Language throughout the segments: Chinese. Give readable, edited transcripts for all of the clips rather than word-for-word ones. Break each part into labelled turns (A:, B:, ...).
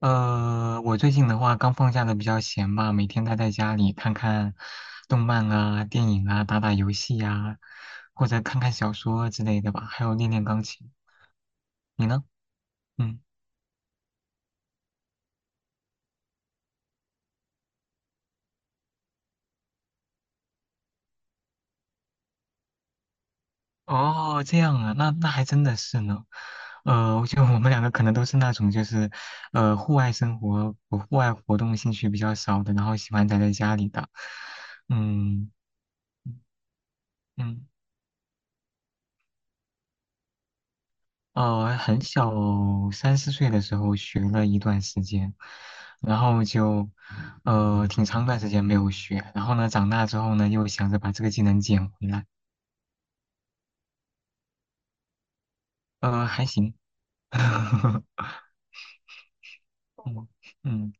A: 我最近的话刚放假的比较闲吧，每天待在家里看看动漫啊、电影啊、打打游戏呀、或者看看小说之类的吧，还有练练钢琴。你呢？嗯。哦，这样啊，那还真的是呢。我觉得我们两个可能都是那种就是，户外生活、户外活动兴趣比较少的，然后喜欢宅在家里的。嗯嗯。哦，很小，三四岁的时候学了一段时间，然后就，挺长段时间没有学，然后呢，长大之后呢，又想着把这个技能捡回来。还行。嗯嗯。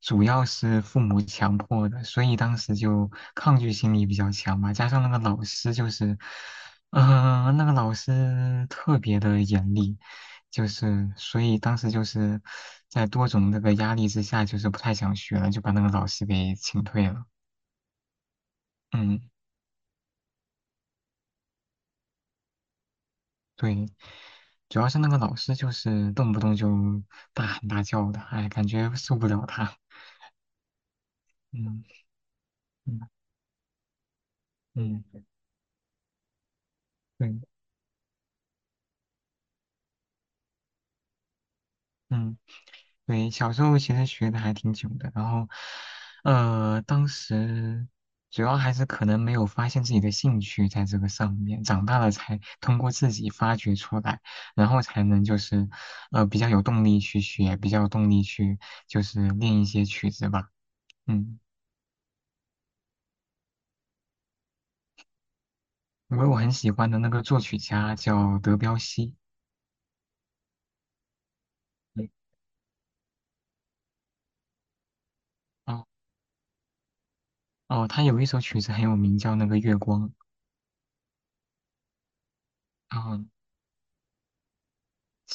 A: 主要是父母强迫的，所以当时就抗拒心理比较强嘛。加上那个老师就是，那个老师特别的严厉，就是所以当时就是在多种那个压力之下，就是不太想学了，就把那个老师给请退了。嗯。对，主要是那个老师就是动不动就大喊大叫的，哎，感觉受不了他。嗯嗯嗯，对，嗯。对，小时候其实学的还挺久的，然后，当时主要还是可能没有发现自己的兴趣在这个上面，长大了才通过自己发掘出来，然后才能就是，比较有动力去学，比较有动力去就是练一些曲子吧。嗯。因为我很喜欢的那个作曲家叫德彪西。嗯。哦哦，他有一首曲子很有名，叫那个月光。啊。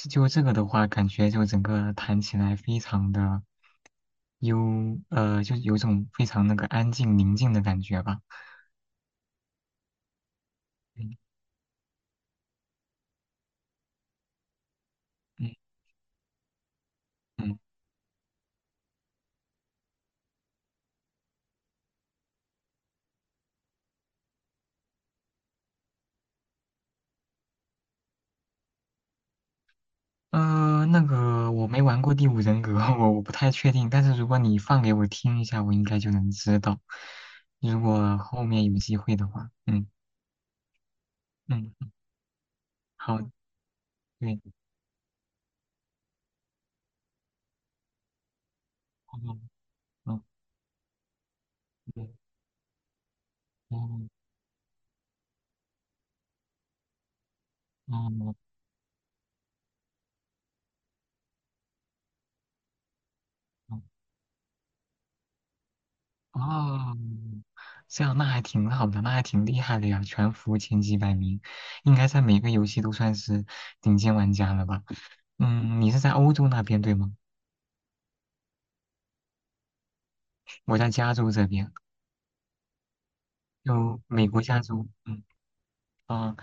A: 就这个的话，感觉就整个弹起来非常的。有就有种非常那个安静宁静的感觉吧。嗯嗯嗯。那个我没玩过《第五人格》我不太确定。但是如果你放给我听一下，我应该就能知道。如果后面有机会的话，嗯。嗯，好，对，哦哦，对。哦哦哦哦，这样那还挺好的，那还挺厉害的呀，全服前几百名，应该在每个游戏都算是顶尖玩家了吧。嗯。你是在欧洲那边对吗？我在加州这边，就美国加州。嗯。啊，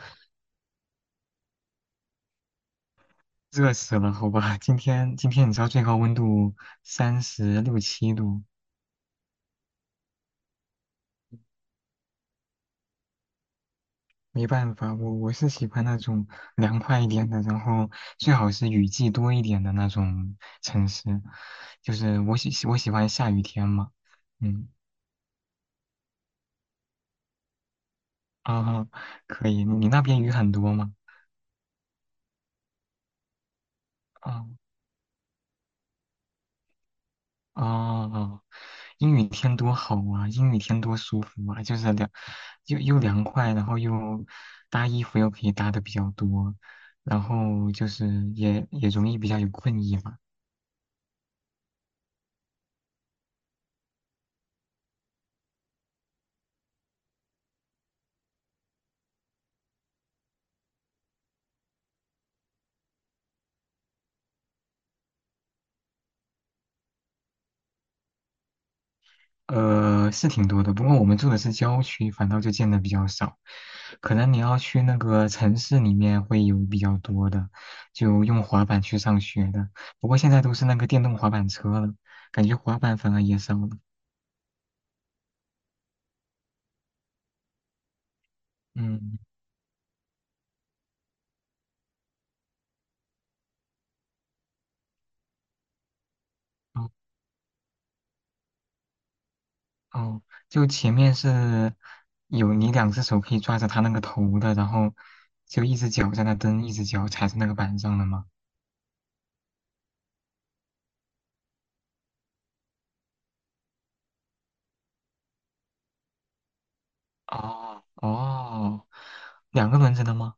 A: 热死了，好吧，今天你知道最高温度三十六七度。没办法，我是喜欢那种凉快一点的，然后最好是雨季多一点的那种城市，就是我喜欢下雨天嘛。嗯。啊，可以，你那边雨很多吗？啊。哦，阴雨天多好啊！阴雨天多舒服啊！就是凉，又凉快，然后又搭衣服又可以搭的比较多，然后就是也容易比较有困意嘛。是挺多的，不过我们住的是郊区，反倒就见的比较少。可能你要去那个城市里面会有比较多的，就用滑板去上学的。不过现在都是那个电动滑板车了，感觉滑板反而也少了。嗯。哦，就前面是有你两只手可以抓着它那个头的，然后就一只脚在那蹬，一只脚踩在那个板上的吗？哦哦，两个轮子的吗？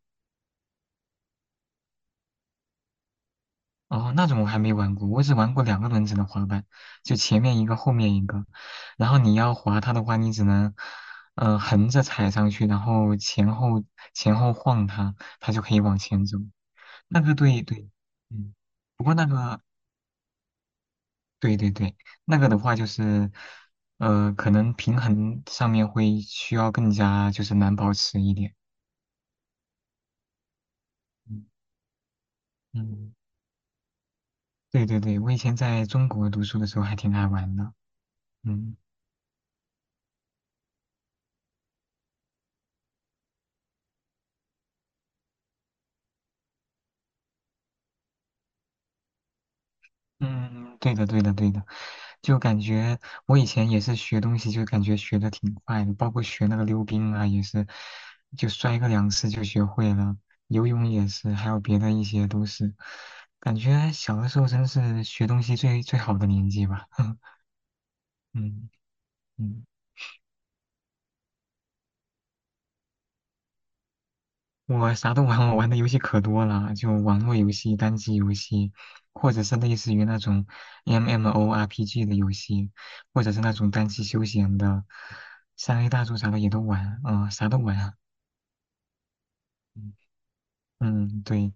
A: 哦，那种我还没玩过，我只玩过两个轮子的滑板，就前面一个，后面一个。然后你要滑它的话，你只能横着踩上去，然后前后前后晃它，它就可以往前走。那个，对对。嗯。不过那个。对对对，那个的话就是，可能平衡上面会需要更加就是难保持一点。嗯。嗯，对对对，我以前在中国读书的时候还挺爱玩的。嗯嗯，对的对的对的，就感觉我以前也是学东西，就感觉学的挺快的，包括学那个溜冰啊，也是就摔个两次就学会了，游泳也是，还有别的一些都是，感觉小的时候真是学东西最最好的年纪吧。嗯。嗯，我啥都玩，我玩的游戏可多了，就网络游戏、单机游戏，或者是类似于那种 MMORPG 的游戏，或者是那种单机休闲的，3A 大作啥的也都玩，啊，啥都玩啊。嗯，嗯，对。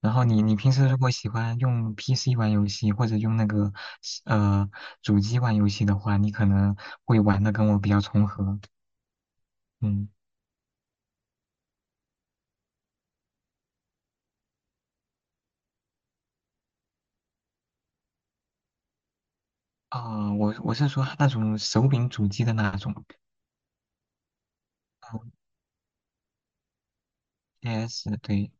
A: 然后你平时如果喜欢用 PC 玩游戏，或者用那个呃主机玩游戏的话，你可能会玩的跟我比较重合。嗯。啊、我是说那种手柄主机的那种。对。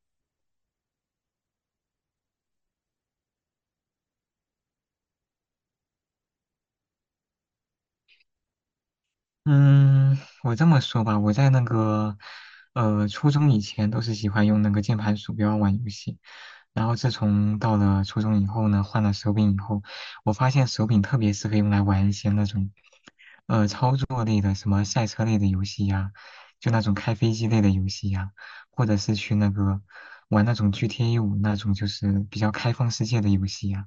A: 嗯，我这么说吧，我在那个初中以前都是喜欢用那个键盘鼠标玩游戏。然后自从到了初中以后呢，换了手柄以后，我发现手柄特别适合用来玩一些那种，操作类的，什么赛车类的游戏呀，就那种开飞机类的游戏呀，或者是去那个玩那种 GTA 五那种就是比较开放世界的游戏呀，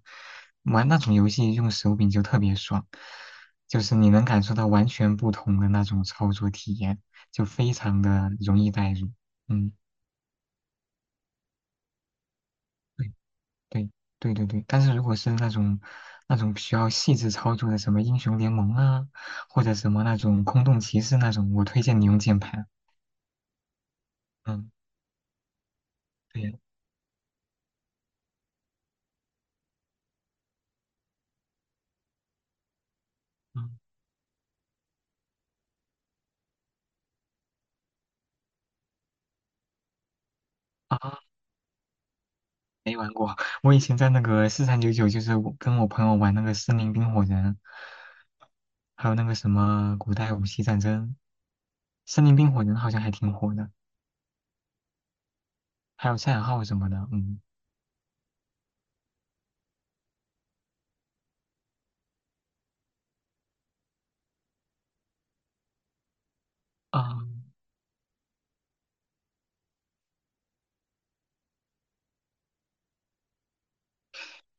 A: 玩那种游戏用手柄就特别爽，就是你能感受到完全不同的那种操作体验，就非常的容易代入。嗯。对对对对对，但是如果是那种需要细致操作的，什么英雄联盟啊，或者什么那种空洞骑士那种，我推荐你用键盘。嗯。对。嗯。啊，没玩过。我以前在那个4399，就是我跟我朋友玩那个《森林冰火人》，还有那个什么古代武器战争，《森林冰火人》好像还挺火的，还有赛尔号什么的。嗯。啊。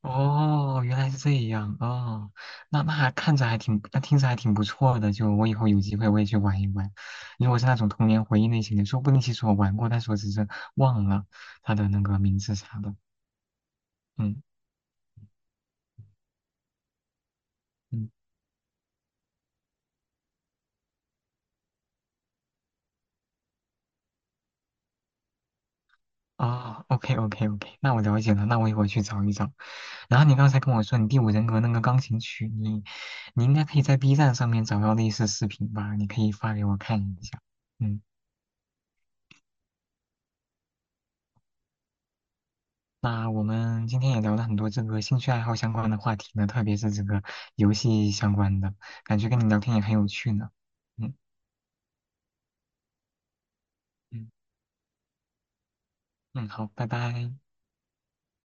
A: 哦，原来是这样哦，那还看着还挺，那听着还挺不错的。就我以后有机会我也去玩一玩。如果是那种童年回忆类型的，说不定其实我玩过，但是我只是忘了它的那个名字啥的。嗯嗯。哦，OK OK OK，那我了解了，那我一会儿去找一找。然后你刚才跟我说你第五人格那个钢琴曲，你应该可以在 B 站上面找到类似视频吧？你可以发给我看一下。嗯。那我们今天也聊了很多这个兴趣爱好相关的话题呢，特别是这个游戏相关的，感觉跟你聊天也很有趣呢。嗯嗯嗯，好，拜拜。